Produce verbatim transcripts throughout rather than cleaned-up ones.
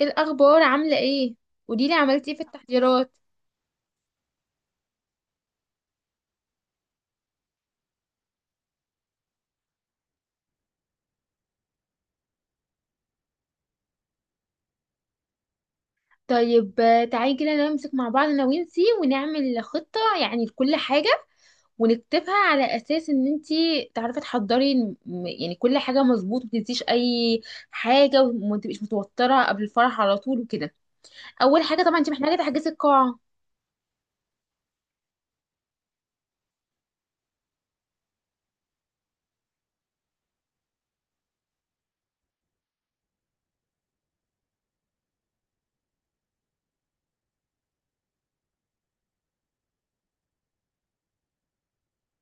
ايه الاخبار؟ عامله ايه؟ قوليلي عملتي ايه في التحضيرات. طيب آه، تعالي كده نمسك مع بعض انا وانتي ونعمل خطه يعني لكل حاجه، ونكتبها على اساس ان انتي تعرفي تحضري. م- يعني كل حاجه مظبوط، متنسيش اي حاجه، وما تبقيش متوتره قبل الفرح على طول وكده. اول حاجه طبعا انتي محتاجه تحجزي القاعه.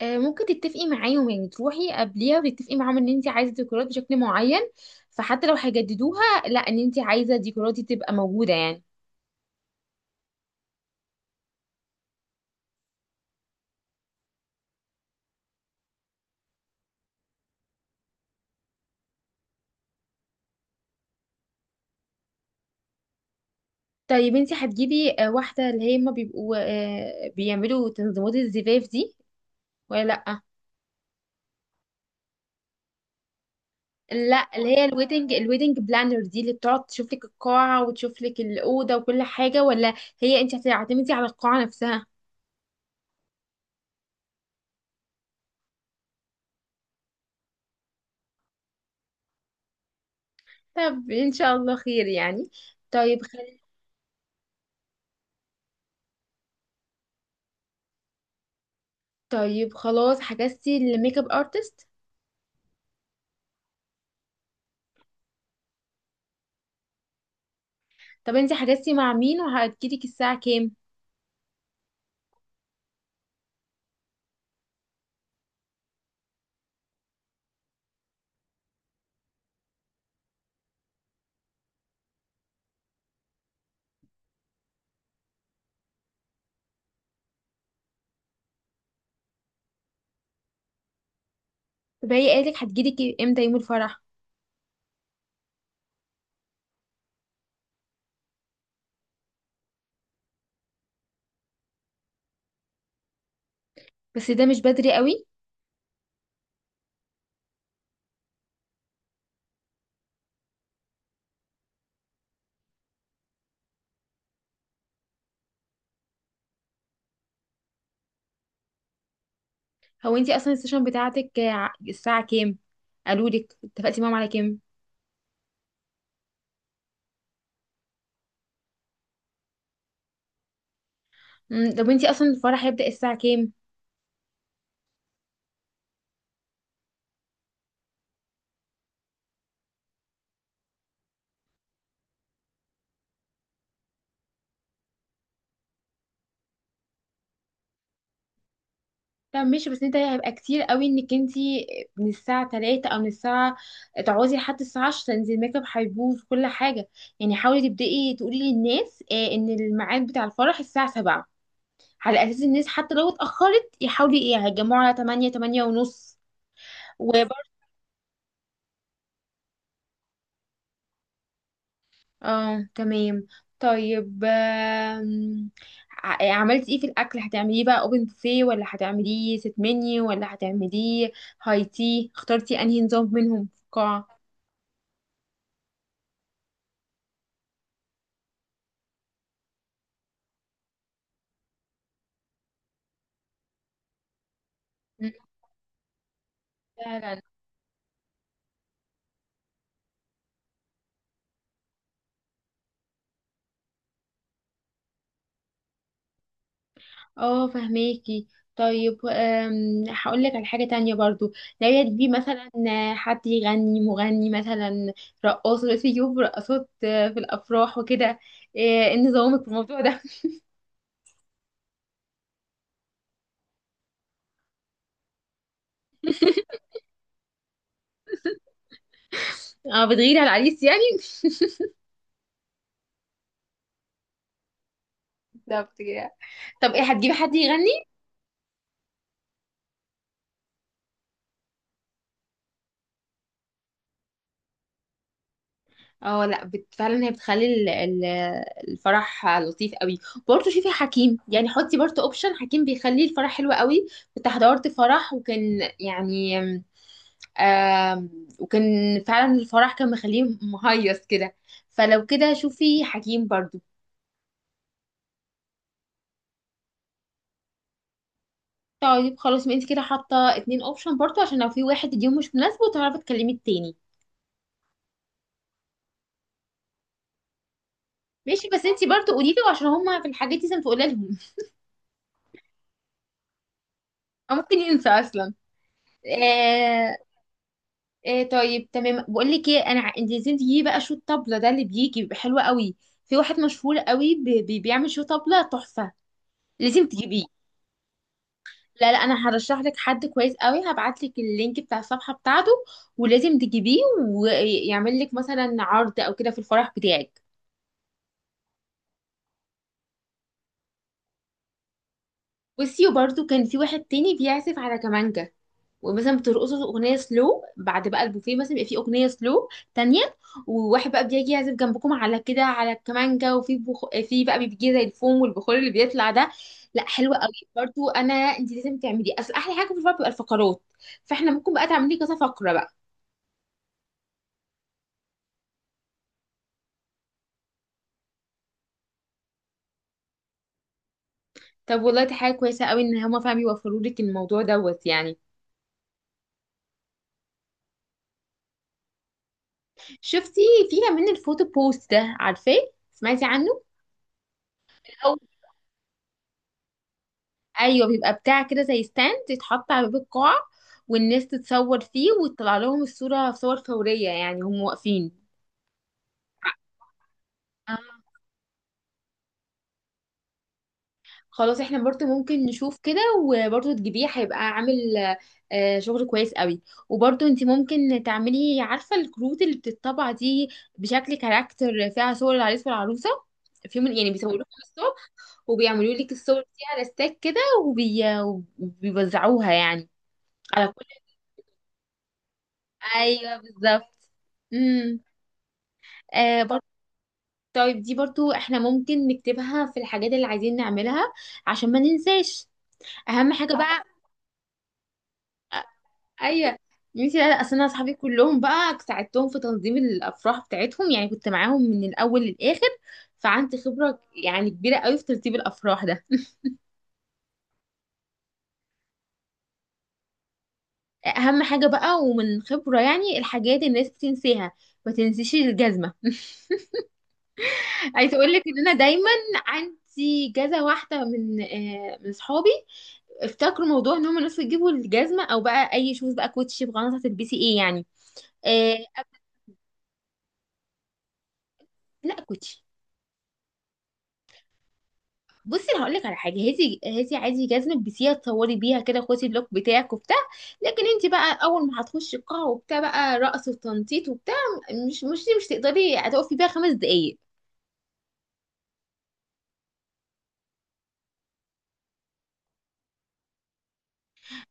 آه، ممكن تتفقي معاهم، يعني تروحي قبليها وتتفقي معاهم ان انتي عايزه ديكورات بشكل معين، فحتى لو هيجددوها، لا، ان انتي عايزه ديكوراتي تبقى موجوده يعني. طيب انت هتجيبي آه، واحدة اللي هي هما بيبقوا آه، بيعملوا تنظيمات الزفاف دي ولا لأ؟ لا، اللي هي الويدنج الويدنج بلانر دي اللي بتقعد تشوف لك القاعة وتشوف لك الأوضة وكل حاجة، ولا هي انت هتعتمدي على القاعة نفسها؟ طب ان شاء الله خير يعني. طيب خل... طيب خلاص، حجزتي الميك اب ارتست؟ طب انت حجزتي مع مين وهتجيلك الساعة كام؟ طب هي قالت لك هتجيلك امتى يوم الفرح؟ بس ده مش بدري قوي. هو انتي اصلا السيشن بتاعتك ع- الساعة كام؟ قالوا لك؟ اتفقتي معاهم على كام؟ مم، طب انتي اصلا الفرح هيبدأ الساعة كام؟ طب ماشي، بس انت هيبقى كتير قوي انك انتي من الساعة تلاته او من الساعة، تقعدي لحد الساعة عشرة، انزل الميك اب هيبوظ في كل حاجة. يعني حاولي تبدأي تقولي للناس اه، ان الميعاد بتاع الفرح الساعة سبعة، على اساس الناس حتى لو اتأخرت يحاولي ايه هيتجمعوا على تمانية، تمانية ونص. اه تمام. طيب آم، ع- عملتي ايه في الاكل؟ هتعمليه بقى اوبن بوفيه، ولا هتعمليه ست منيو، ولا هتعمليه هاي تي؟ اخترتي انهي نظام منهم في القاعه؟ مم، فعلا. اه فهماكي. طيب أم، هقول لك على حاجه تانية برضو. لو تجيبي مثلا حد يغني، مغني مثلا، رقاص دلوقتي يجيبوا رقاصات آه، في الافراح وكده، آه، ايه نظامك في الموضوع ده؟ اه، بتغيري على العريس يعني. بالظبط كده. طب ايه، هتجيبي حد يغني؟ اه لا، بت... فعلا هي بتخلي ال... ال... الفرح لطيف قوي. برضه شوفي حكيم، يعني حطي برضه اوبشن حكيم، بيخلي الفرح حلو قوي. كنت حضرت فرح وكان يعني، آم... وكان فعلا الفرح كان مخليه مهيص كده، فلو كده شوفي حكيم برضه. طيب خلاص، ما انت كده حاطه اتنين اوبشن برضه، عشان لو في واحد اليوم مش مناسبه تعرفي تكلمي التاني. ماشي، بس انت برضه قولي له، عشان هما في الحاجات دي لازم تقولي لهم. او ممكن ينسى اصلا. آه، إيه طيب، تمام. بقول لك ايه، انا ع- انت عايزين تجيبي بقى شو الطبله ده، اللي بيجي بيبقى حلو قوي. في واحد مشهور قوي بي- بي- بيعمل شو طبله تحفه، لازم تجيبيه. لا لا، انا هرشح لك حد كويس قوي، هبعت لك اللينك بتاع الصفحه بتاعته، ولازم تجيبيه، ويعمل لك مثلا عرض او كده في الفرح بتاعك. بصي، وبرده كان في واحد تاني بيعزف على كمانجا، ومثلا بترقصوا اغنيه سلو، بعد بقى البوفيه مثلا يبقى فيه اغنيه سلو تانية، وواحد بقى بيجي يعزف جنبكم على كده على الكمانجا، وفي بخ... في بقى بيجي زي الفوم والبخور اللي بيطلع ده. لا حلوه قوي برضو. انا انت لازم تعملي، اصل احلى حاجه في الفرق بتبقى الفقرات، فاحنا ممكن بقى تعملي كذا فقره بقى. طب والله دي حاجه كويسه قوي، ان هما فعلا بيوفروا لك الموضوع دوت يعني. شفتي؟ في كمان الفوتو بوست ده، عارفاه؟ سمعتي عنه؟ ايوه بيبقى بتاع كده زي ستاند يتحط على باب القاعه، والناس تتصور فيه وتطلع لهم الصوره، صور فوريه يعني، هم واقفين. آه. خلاص احنا برضو ممكن نشوف كده، وبرضو تجيبيه هيبقى عامل آه، شغل كويس قوي. وبرضو انت ممكن تعملي، عارفه الكروت اللي بتطبع دي بشكل كاركتر، فيها صور العريس والعروسه في يوم يعني، بيصوروها من الصبح، وبيعملوا لك الصور دي على ستاك كده، وبي... وبيوزعوها يعني على كل. ايوه بالظبط. امم. آه برضو. طيب دي برضو احنا ممكن نكتبها في الحاجات اللي عايزين نعملها عشان ما ننساش، اهم حاجة بقى. ايوه ميسي. لا لا، اصل انا اصحابي كلهم بقى ساعدتهم في تنظيم الافراح بتاعتهم، يعني كنت معاهم من الاول للاخر، فعندي خبرة يعني كبيرة قوي في ترتيب الافراح ده. اهم حاجة بقى، ومن خبرة يعني الحاجات الناس بتنساها، ما تنسيش الجزمة. عايزة اقول لك ان انا دايما عندي جزة واحدة من آه من صحابي افتكروا موضوع ان هم الناس بتجيبوا الجزمه، او بقى اي شوز بقى كوتشي بغلط هتلبسي ايه يعني. آه لا، كوتشي. بصي انا هقول لك على حاجه، هاتي هاتي عادي جزمه، البسيها تصوري بيها كده، خدي بلوك بتاعك وبتاع، لكن انت بقى اول ما هتخشي القاعه وبتاع بقى رقص وتنطيط وبتاع، مش مش مش تقدري هتقفي بيها خمس دقايق.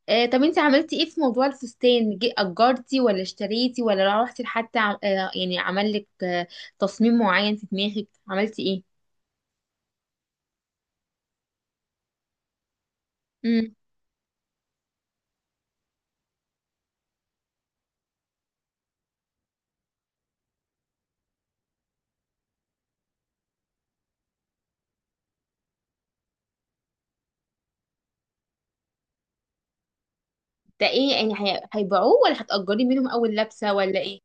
آه، طب انت عملتي ايه في موضوع الفستان؟ جي- اجرتي ولا اشتريتي، ولا روحتي لحد عم- آه يعني عمل لك آه تصميم معين في دماغك؟ عملتي ايه؟ ده ايه يعني، هي- هيبيعوه ولا هتأجري منهم اول لبسة ولا ايه؟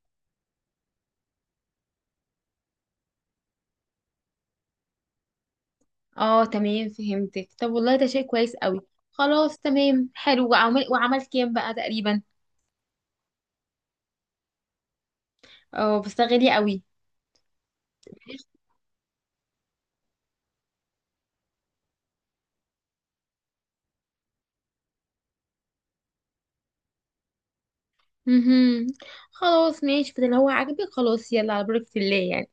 اه تمام فهمتك. طب والله ده شيء كويس قوي. خلاص تمام حلو. وعمل، وعمل كام بقى تقريبا؟ اه، بس ده غالي قوي. مهم. خلاص ماشي، فده اللي هو عاجبك، خلاص يلا على بركة الله يعني.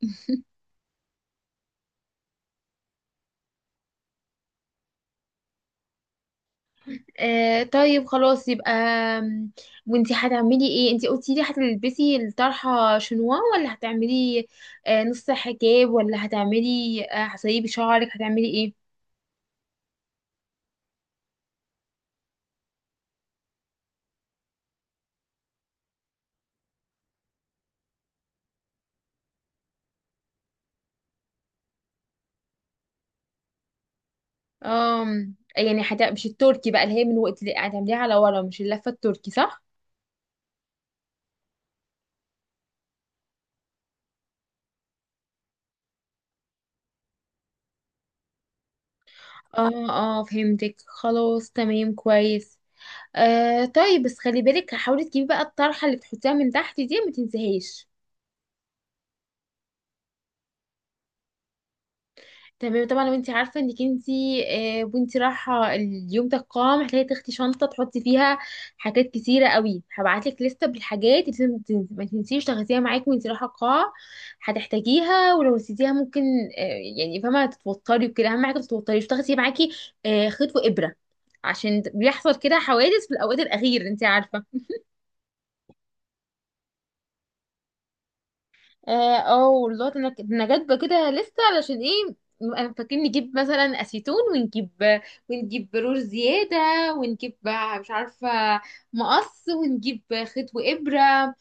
آه طيب خلاص يبقى، آم، وانتي هتعملي ايه؟ انتي قلتي لي هتلبسي الطرحة شنوا، ولا هتعملي آه نص حجاب، ولا هتعملي آه هتسيبي شعرك؟ هتعملي ايه؟ آم، يعني حتى مش التركي بقى، اللي هي من وقت اللي هتعمليها على ورا، مش اللفة التركي، صح؟ اه اه فهمتك، خلاص تمام كويس. آه طيب، بس خلي بالك حاولي تجيبي بقى الطرحة اللي بتحطيها من تحت دي، ما تنسيهاش. تمام طبعا. وانت عارفه انك انت آه، وانت رايحه اليوم ده القاعه محتاجه تاخدي شنطه تحطي فيها حاجات كتيره قوي، هبعتلك لسته بالحاجات اللي لازم تن- ما تنسيش تاخديها معاكي وانت رايحه القاعه، هتحتاجيها. ولو نسيتيها ممكن آه، يعني فاهمه تتوتري وكده. اهم حاجه ما تتوتريش، تاخدي معاكي آه، خيط وابره، عشان بيحصل كده حوادث في الاوقات الاخيره انت عارفه. اه آه، والله انا انا جايبه كده لسه، علشان ايه، نبقى فاكرين نجيب مثلا اسيتون، ونجيب ونجيب رور زياده، ونجيب مش عارفه مقص، ونجيب خيط وابره،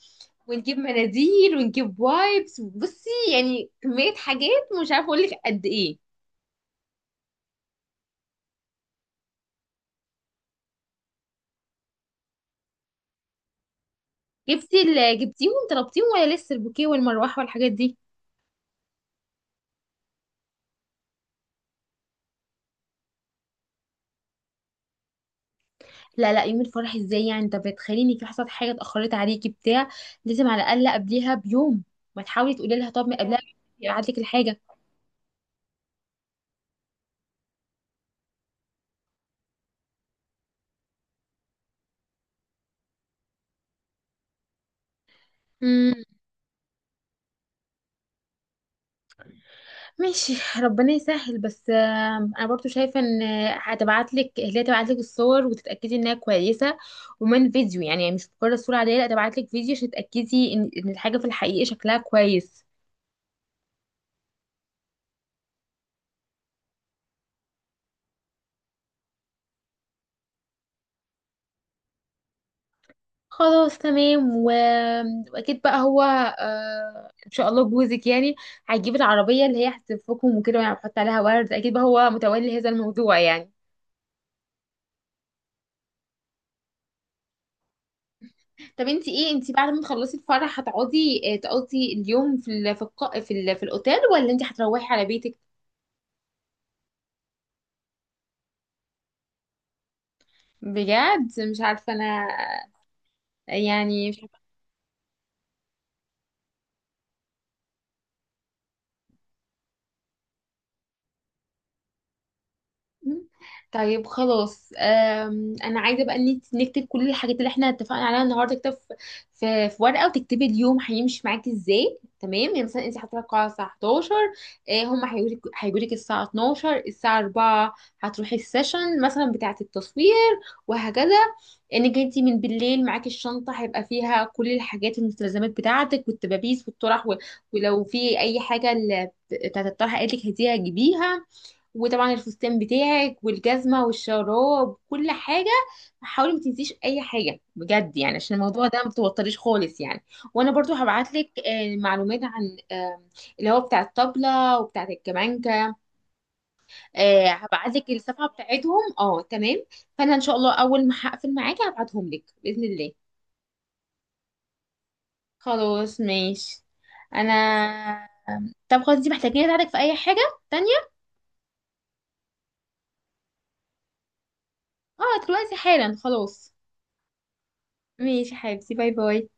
ونجيب مناديل، ونجيب وايبس. بصي يعني كميه حاجات مش عارفه اقول لك قد ايه. جبتي ال- جبتيهم طلبتيهم ولا لسه البوكيه والمروحه والحاجات دي؟ لا لا، يوم الفرح ازاي يعني؟ انت بتخليني في، حصلت حاجه اتاخرت عليكي بتاع، لازم على الاقل قبليها بيوم. ما تحاولي تقولي لها؟ طب من قبلها يبعت لك الحاجه. امم. ماشي، ربنا يسهل. بس آم، انا برضو شايفه ان هتبعت لك، هي تبعت لك الصور وتتاكدي انها كويسه، ومن فيديو يعني، مش مجرد صوره عاديه، لا، تبعت لك فيديو عشان تتاكدي ان إن الحاجه في الحقيقه شكلها كويس. خلاص تمام، و... واكيد بقى هو آه... ان شاء الله جوزك يعني هيجيب العربيه اللي هي هتلفكم وكده يعني، هتحط عليها ورد، اكيد بقى هو متولي هذا الموضوع يعني. طب انت ايه، انت بعد ما تخلصي الفرح هتقعدي آه، تقضي اليوم في ال... في الق... في, ال... في الاوتيل، ولا انت هتروحي على بيتك؟ بجد مش عارفه انا يعني. طيب خلاص، أم، انا عايزه بقى إن إنت نكتب كل الحاجات اللي احنا اتفقنا عليها النهارده، اكتب في في في ورقه، وتكتبي اليوم هيمشي معاكي ازاي. تمام، يعني مثلا انت هتروحي القاعه الساعه حداشر، آه، هم هيجولك هيجولك الساعه اتناشر، الساعه اربعة هتروحي السيشن مثلا بتاعه التصوير، وهكذا. انك انت من بالليل معاكي الشنطه هيبقى فيها كل الحاجات، المستلزمات بتاعتك والتبابيس والطرح و- ولو في اي حاجه ال- بتاعه الطرح قالك هديها جيبيها، وطبعا الفستان بتاعك والجزمة والشراب، كل حاجة حاولي ما تنسيش اي حاجة بجد يعني، عشان الموضوع ده ما توتريش خالص يعني. وانا برضو هبعت لك معلومات عن آه، اللي هو بتاع الطبلة وبتاع الكمانجة. آه، هبعت لك الصفحة بتاعتهم، اه تمام. فانا ان شاء الله اول ما هقفل معاكي هبعتهم لك بإذن الله. خلاص ماشي. انا، طب خلاص انتي محتاجين اساعدك في اي حاجة تانية؟ اه دلوقتي حالا خلاص. ماشي يا حبيبتي، باي باي.